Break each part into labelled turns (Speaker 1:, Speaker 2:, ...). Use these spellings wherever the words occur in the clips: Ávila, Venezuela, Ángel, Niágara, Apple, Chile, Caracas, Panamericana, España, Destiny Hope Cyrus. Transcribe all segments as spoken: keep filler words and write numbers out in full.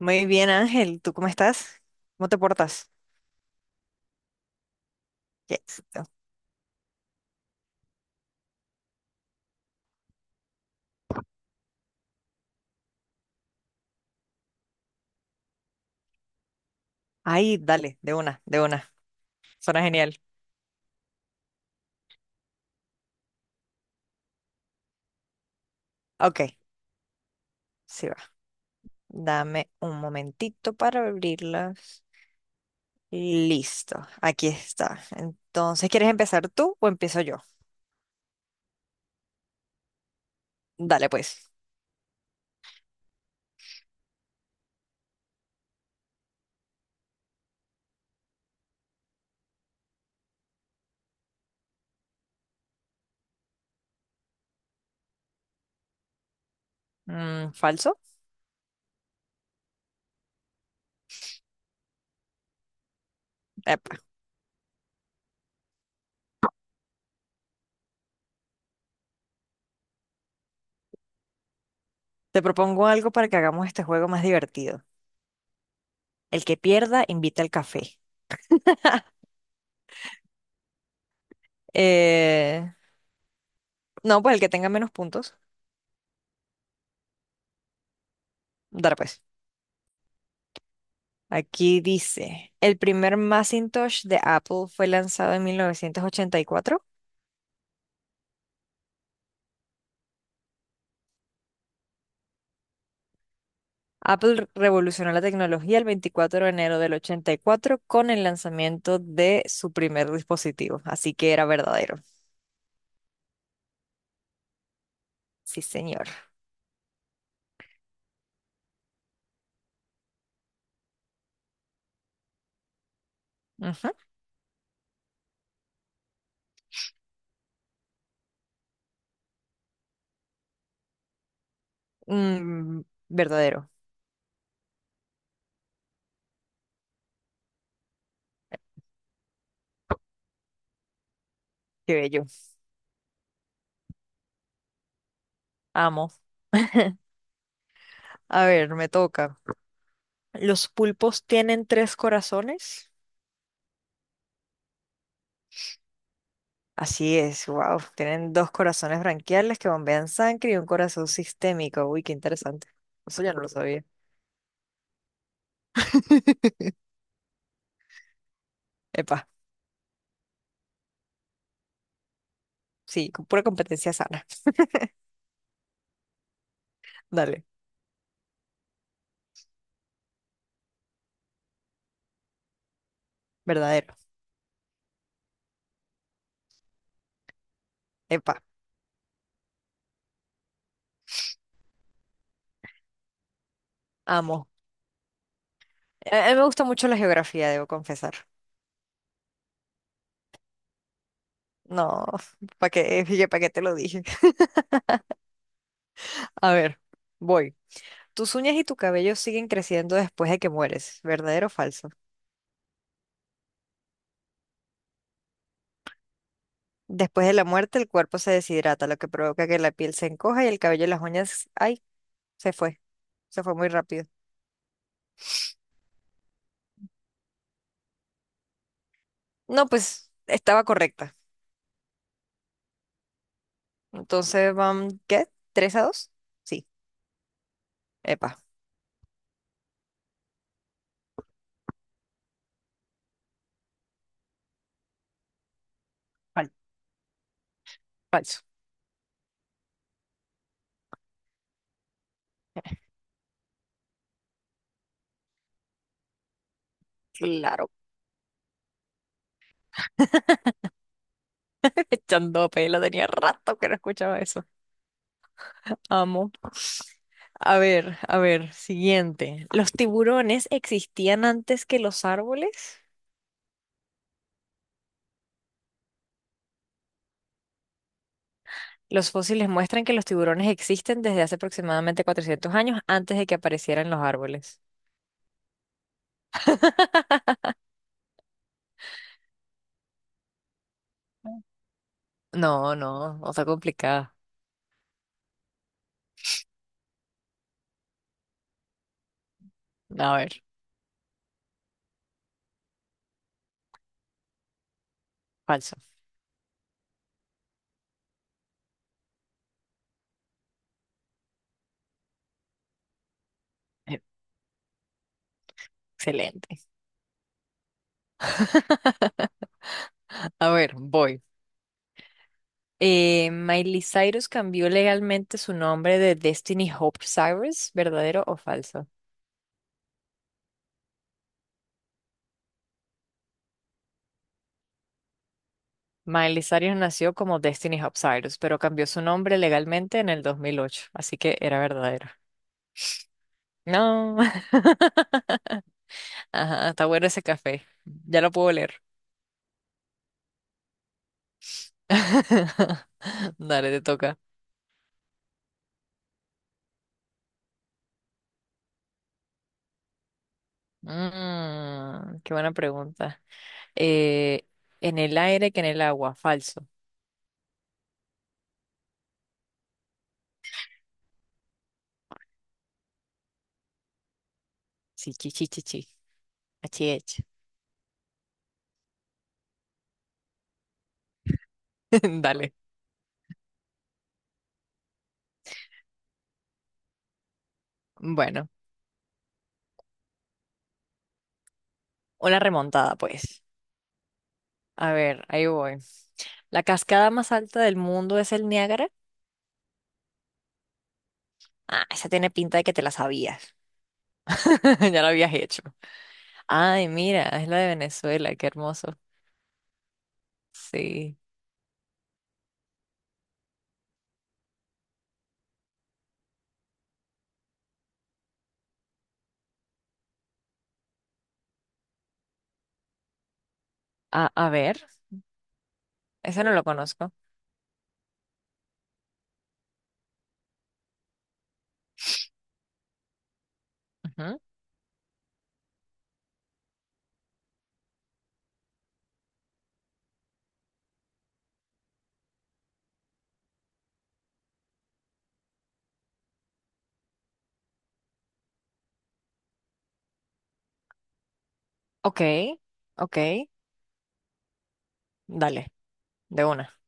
Speaker 1: Muy bien, Ángel, ¿tú cómo estás? ¿Cómo te portas? Qué éxito. Ay, dale, de una, de una. Suena genial. Ok, sí va. Dame un momentito para abrirlas. Listo, aquí está. Entonces, ¿quieres empezar tú o empiezo yo? Dale, pues. Mm, ¿falso? Epa. Te propongo algo para que hagamos este juego más divertido. El que pierda, invita al café. Eh, no, pues el que tenga menos puntos. Dale, pues. Aquí dice, el primer Macintosh de Apple fue lanzado en mil novecientos ochenta y cuatro. Apple revolucionó la tecnología el veinticuatro de enero del ochenta y cuatro con el lanzamiento de su primer dispositivo. Así que era verdadero. Sí, señor. Ujú. Mm, verdadero. Qué bello. Amo. A ver, me toca. ¿Los pulpos tienen tres corazones? Así es, wow. Tienen dos corazones branquiales que bombean sangre y un corazón sistémico. Uy, qué interesante. Eso ya no lo sabía. Epa, sí, con pura competencia sana. Dale, verdadero. Epa, amo. A a mí me gusta mucho la geografía, debo confesar. No, ¿para qué? ¿Para qué te lo dije? A ver, voy. Tus uñas y tu cabello siguen creciendo después de que mueres, ¿verdadero o falso? Después de la muerte, el cuerpo se deshidrata, lo que provoca que la piel se encoja y el cabello y las uñas, ay, se fue, se fue muy rápido. No, pues estaba correcta. Entonces van, ¿qué? ¿Tres a dos? Sí, epa, fal- falso. Claro, echando pelo, tenía rato que no escuchaba eso. Amo. A ver, a ver, siguiente. ¿Los tiburones existían antes que los árboles? Los fósiles muestran que los tiburones existen desde hace aproximadamente cuatrocientos años antes de que aparecieran los árboles. No, no, no está complicada. A ver, falso. Eh, Excelente. A ver, voy. Eh, Miley Cyrus cambió legalmente su nombre de Destiny Hope Cyrus, ¿verdadero o falso? Miley Cyrus nació como Destiny Hopsirus, pero cambió su nombre legalmente en el dos mil ocho, así que era verdadera. No, ajá, está bueno ese café. Ya lo puedo leer. Dale, te toca. Mm, qué buena pregunta. Eh, en el aire que en el agua, falso. Sí, chi, chi, chi, chi. Achich. Dale. Bueno, una remontada, pues. A ver, ahí voy. ¿La cascada más alta del mundo es el Niágara? Ah, esa tiene pinta de que te la sabías. Ya lo habías hecho. Ay, mira, es la de Venezuela, qué hermoso. Sí. A, a ver, ese no lo conozco. Ujú. Ok, ok, dale, de una.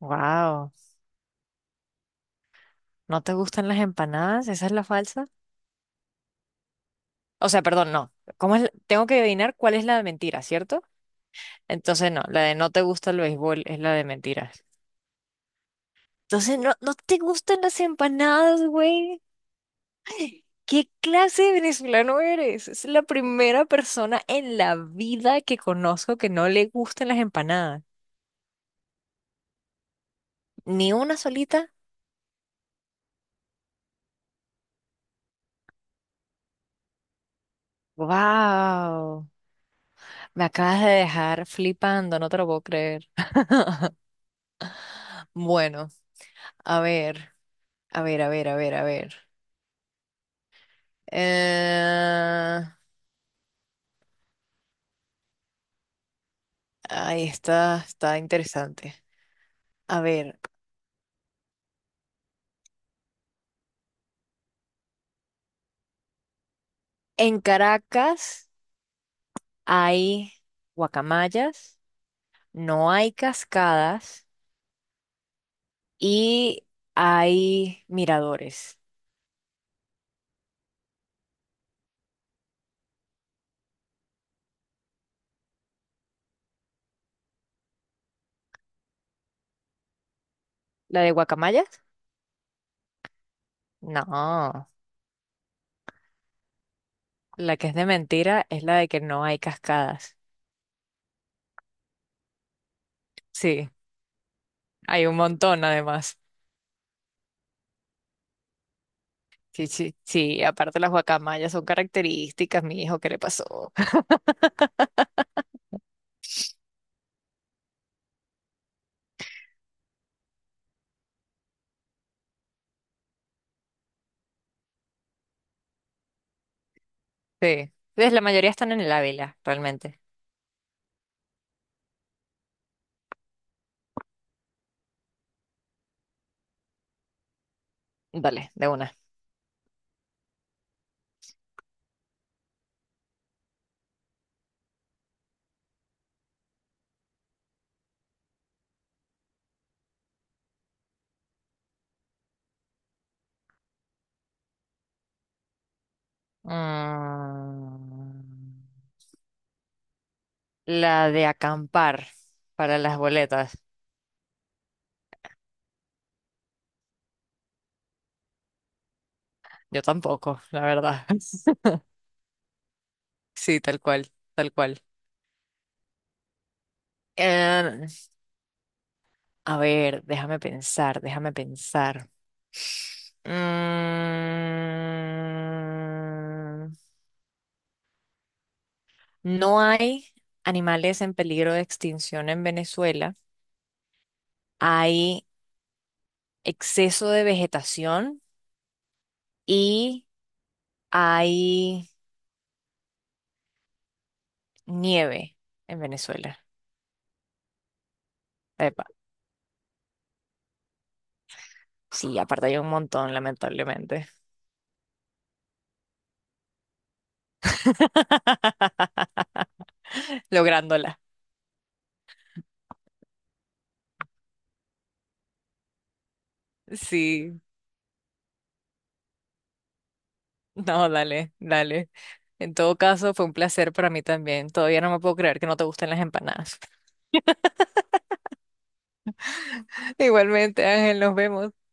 Speaker 1: Wow, ¿no te gustan las empanadas? ¿Esa es la falsa? O sea, perdón, no. ¿Cómo es? La- tengo que adivinar cuál es la de mentira, ¿cierto? Entonces no, la de no te gusta el béisbol es la de mentiras. Entonces no, no te gustan las empanadas, güey. ¿Qué clase de venezolano eres? Es la primera persona en la vida que conozco que no le gusten las empanadas. ¿Ni una solita? ¡Wow! Me acabas de dejar flipando, no te lo puedo creer. Bueno, a ver, a ver, a ver, a ver, a ver. Eh, Ahí está, está interesante. A ver, en Caracas hay guacamayas, no hay cascadas. Y hay miradores. ¿La de guacamayas? No, la que es de mentira es la de que no hay cascadas. Sí, hay un montón además. Sí, sí, sí, aparte las guacamayas son características, mi hijo, ¿qué le pasó? Sí, pues la mayoría están en el Ávila, realmente. Dale, de una. Mm, la de acampar para las boletas. Yo tampoco, la verdad. Sí, tal cual, tal cual. Eh, A ver, déjame pensar, déjame pensar. Mm, no hay animales en peligro de extinción en Venezuela. Hay exceso de vegetación y hay nieve en Venezuela. Epa, sí, aparte hay un montón, lamentablemente. Lográndola. Sí. No, dale, dale. En todo caso, fue un placer para mí también. Todavía no me puedo creer que no te gusten las empanadas. Igualmente, Ángel, nos vemos.